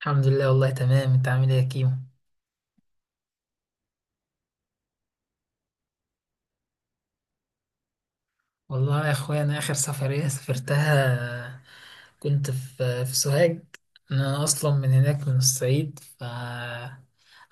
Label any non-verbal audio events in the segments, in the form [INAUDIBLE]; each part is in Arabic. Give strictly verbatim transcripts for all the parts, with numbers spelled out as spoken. الحمد لله، والله تمام. انت عامل ايه يا كيمو؟ والله يا اخويا، انا اخر سفرية [LAUGHS] سافرتها كنت في في سوهاج. انا اصلا من هناك من الصعيد. ف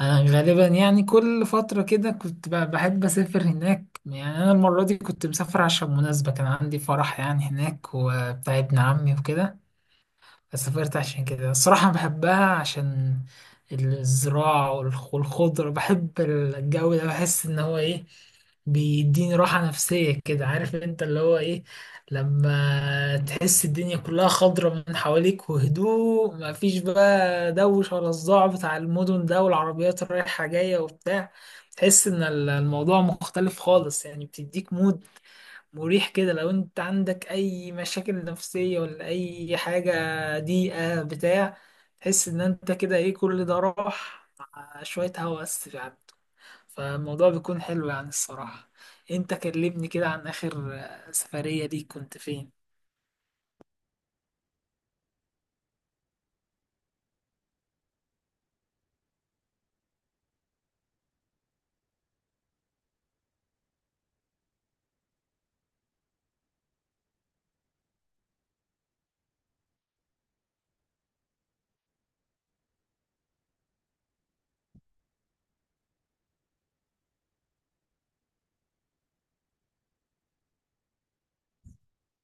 انا غالبا يعني كل فترة كده كنت ب- بحب اسافر هناك يعني. انا المرة دي كنت مسافر عشان مناسبة، كان عندي فرح يعني هناك وبتاع ابن عمي وكده. سافرت عشان كده الصراحة بحبها عشان الزراعة والخ- والخضرة. بحب الجو ده، بحس إن هو إيه بيديني راحة نفسية كده. عارف أنت اللي هو إيه، لما تحس الدنيا كلها خضرة من حواليك وهدوء، مفيش بقى دوش ولا صداع بتاع المدن ده والعربيات الرايحة جاية وبتاع. تحس إن ال- الموضوع مختلف خالص يعني، بتديك مود مريح كده. لو انت عندك اي مشاكل نفسية ولا اي حاجة ضيقة بتاع، تحس ان انت كده ايه كل ده راح على شوية هوا بس يعني. فالموضوع بيكون حلو يعني الصراحة. انت كلمني كده عن اخر آه، سفرية ليك، كنت فين؟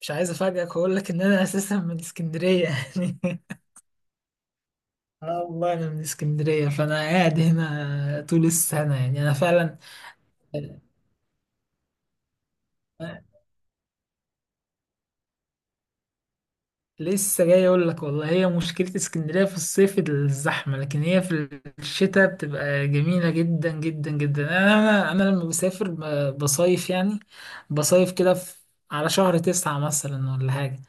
مش عايز افاجئك واقول لك ان انا [LAUGHS] اساسا من اسكندرية يعني. [LAUGHS] اه والله، انا من اسكندرية، فانا قاعد هنا طول السنة يعني انا فعلا. لسه جاي اقول لك والله، هي مشكلة اسكندرية في الصيف الزحمة، لكن هي في الشتاء بتبقى جميلة جدا جدا جدا. انا انا انا لما بسافر ب- بصيف يعني، بصيف كده في على شهر تسعة مثلا ولا حاجة،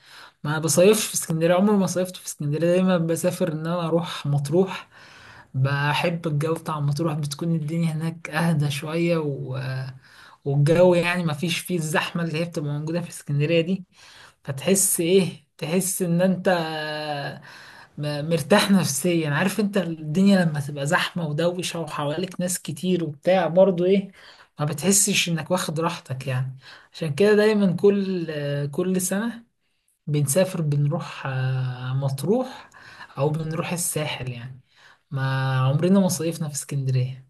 ما بصيفش في اسكندرية، عمري ما صيفت في اسكندرية، دايما بسافر ان انا اروح مطروح. بحب الجو بتاع مطروح، بتكون الدنيا هناك اهدى شوية و... والجو يعني ما فيش فيه الزحمة اللي هي بتبقى موجودة في اسكندرية دي. فتحس ايه، تحس ان انت م- مرتاح نفسيا. عارف انت، الدنيا لما تبقى زحمة ودوشة وحواليك ناس كتير وبتاع برضو ايه، ما بتحسش انك واخد راحتك يعني. عشان كده دايما كل كل سنة بنسافر، بنروح آه، مطروح او بنروح الساحل يعني. ما عمرنا ما صيفنا في اسكندرية.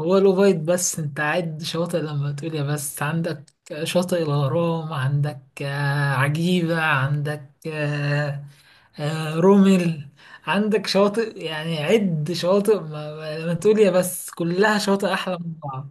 هو لوفايت، بس انت عد شواطئ لما تقول يا بس، عندك شاطئ الغرام، عندك آه، عجيبة، عندك آه، آه، رومل. عندك شواطئ يعني، عد شواطئ ما, ما لما تقول يا بس، كلها شواطئ أحلى من بعض.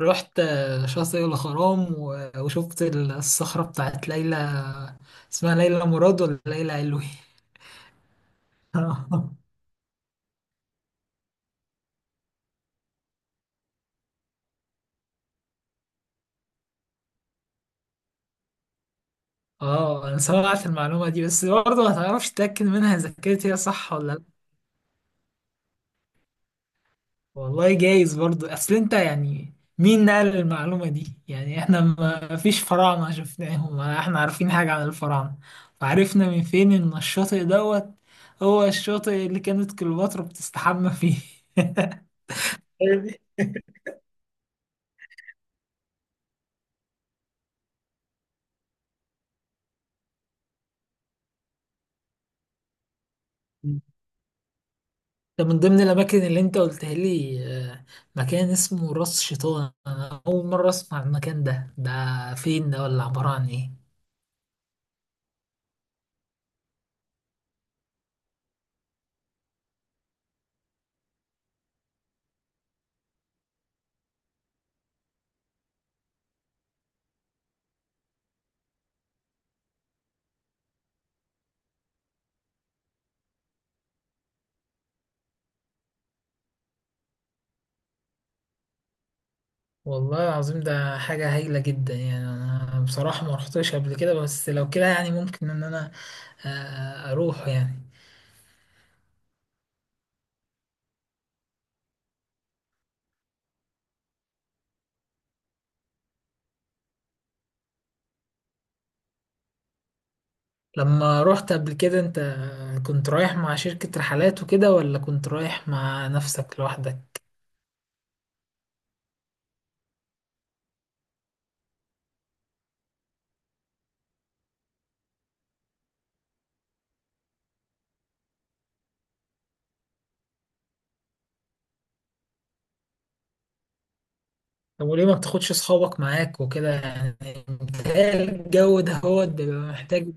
رحت آه، شاطئ الغرام و- وشفت الصخرة بتاعت ليلى. اسمها ليلى مراد ولا ليلى علوي؟ [LAUGHS] اه، انا سمعت المعلومة دي بس برضه ما تعرفش تتأكد منها اذا كانت هي صح ولا. والله جايز برضو. اصل انت يعني مين نقل المعلومة دي يعني، احنا ما فيش فراعنة شفناهم ولا احنا عارفين حاجة عن الفراعنة. فعرفنا من فين ان الشاطئ دوت هو الشاطئ اللي كانت كليوباترا بتستحمى فيه؟ [LAUGHS] ده من ضمن الأماكن اللي أنت قلتها لي آه، مكان اسمه راس شيطان. أنا أول مرة أسمع المكان ده ده فين ده ولا عبارة عن إيه؟ والله العظيم ده حاجة هايلة جدا يعني. أنا بصراحة ما رحتش قبل كده بس لو كده يعني ممكن إن أنا آه، أروح يعني. لما رحت قبل كده أنت، كنت رايح مع شركة رحلات وكده ولا كنت رايح مع نفسك لوحدك؟ طب وليه ما بتاخدش أصحابك معاك وكده يعني؟ متهيألي الجو ده هو بيبقى محتاج.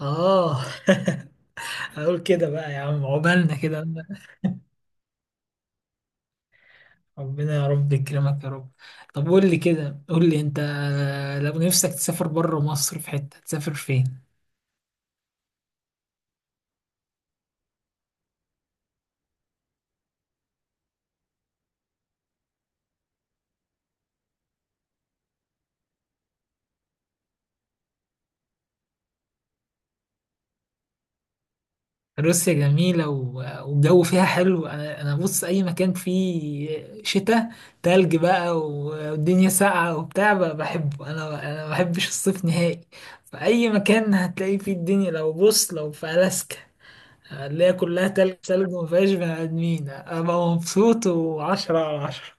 آه. [LAUGHS] أقول كده بقى يا عم، عقبالنا كده، ربنا يا رب يكرمك يا رب. طب قول لي كده، قول لي انت، لو نفسك تسافر بره مصر في حتة تسافر فين؟ روسيا جميلة و- والجو فيها حلو. انا انا بص، اي مكان فيه شتاء تلج بقى والدنيا ساقعة وبتاع ب- بحبه. انا انا ما بحبش الصيف نهائي. فاي مكان هتلاقي فيه الدنيا، لو بص، لو في الاسكا اللي هي كلها تلج تلج وما فيهاش بني ادمين، ابقى مبسوط وعشرة على عشرة.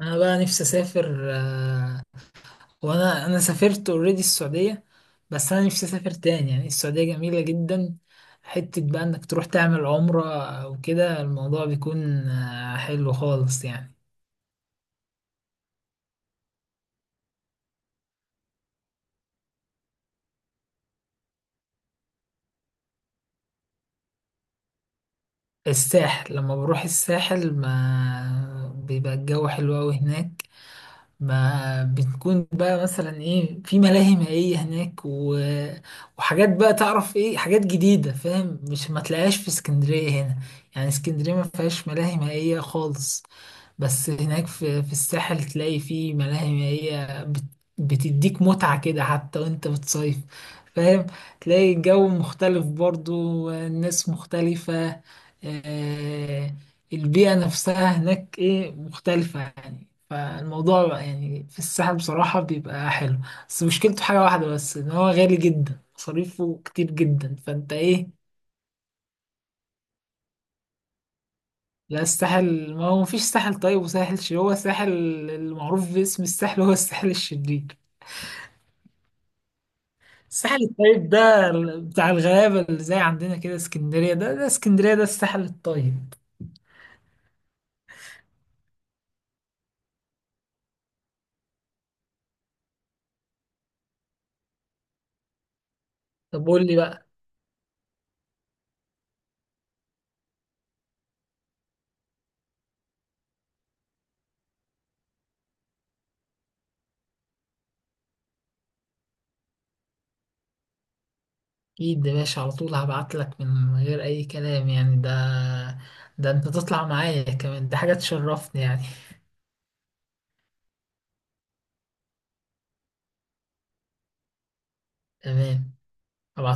انا بقى نفسي اسافر آه، وانا انا سافرت اوريدي السعوديه. بس انا نفسي اسافر تاني يعني، السعوديه جميله جدا. حته بقى انك تروح تعمل عمره او كده، الموضوع بيكون آه، حلو خالص يعني. الساحل، لما بروح الساحل، ما بيبقى الجو حلو قوي هناك. ما بتكون بقى مثلا ايه في ملاهي مائية هناك و... وحاجات بقى، تعرف ايه، حاجات جديدة فاهم، مش ما تلاقيهاش في اسكندرية هنا. يعني اسكندرية ما فيهاش ملاهي مائية خالص. بس هناك في, في الساحل تلاقي في ملاهي مائية بت... بتديك متعة كده حتى وانت بتصيف. فاهم، تلاقي الجو مختلف برضو، الناس مختلفة آه، البيئة نفسها هناك ايه مختلفة يعني، فالموضوع بقى يعني، في الساحل بصراحة بيبقى حلو. بس مشكلته حاجة واحدة بس، ان هو غالي جدا، مصاريفه كتير جدا، فانت ايه. لا الساحل، ما هو مفيش ساحل طيب وساحل شرير، هو الساحل المعروف باسم الساحل هو الساحل الشرير. الساحل الطيب ده بتاع الغلابة، اللي زي عندنا كده اسكندرية. ده ده اسكندرية، ده الساحل الطيب. طب قول لي بقى. اكيد يا باشا، على طول هبعت لك من غير اي كلام يعني. ده ده انت تطلع معايا كمان، ده حاجة تشرفني يعني. [LAUGHS] تمام. هبعت.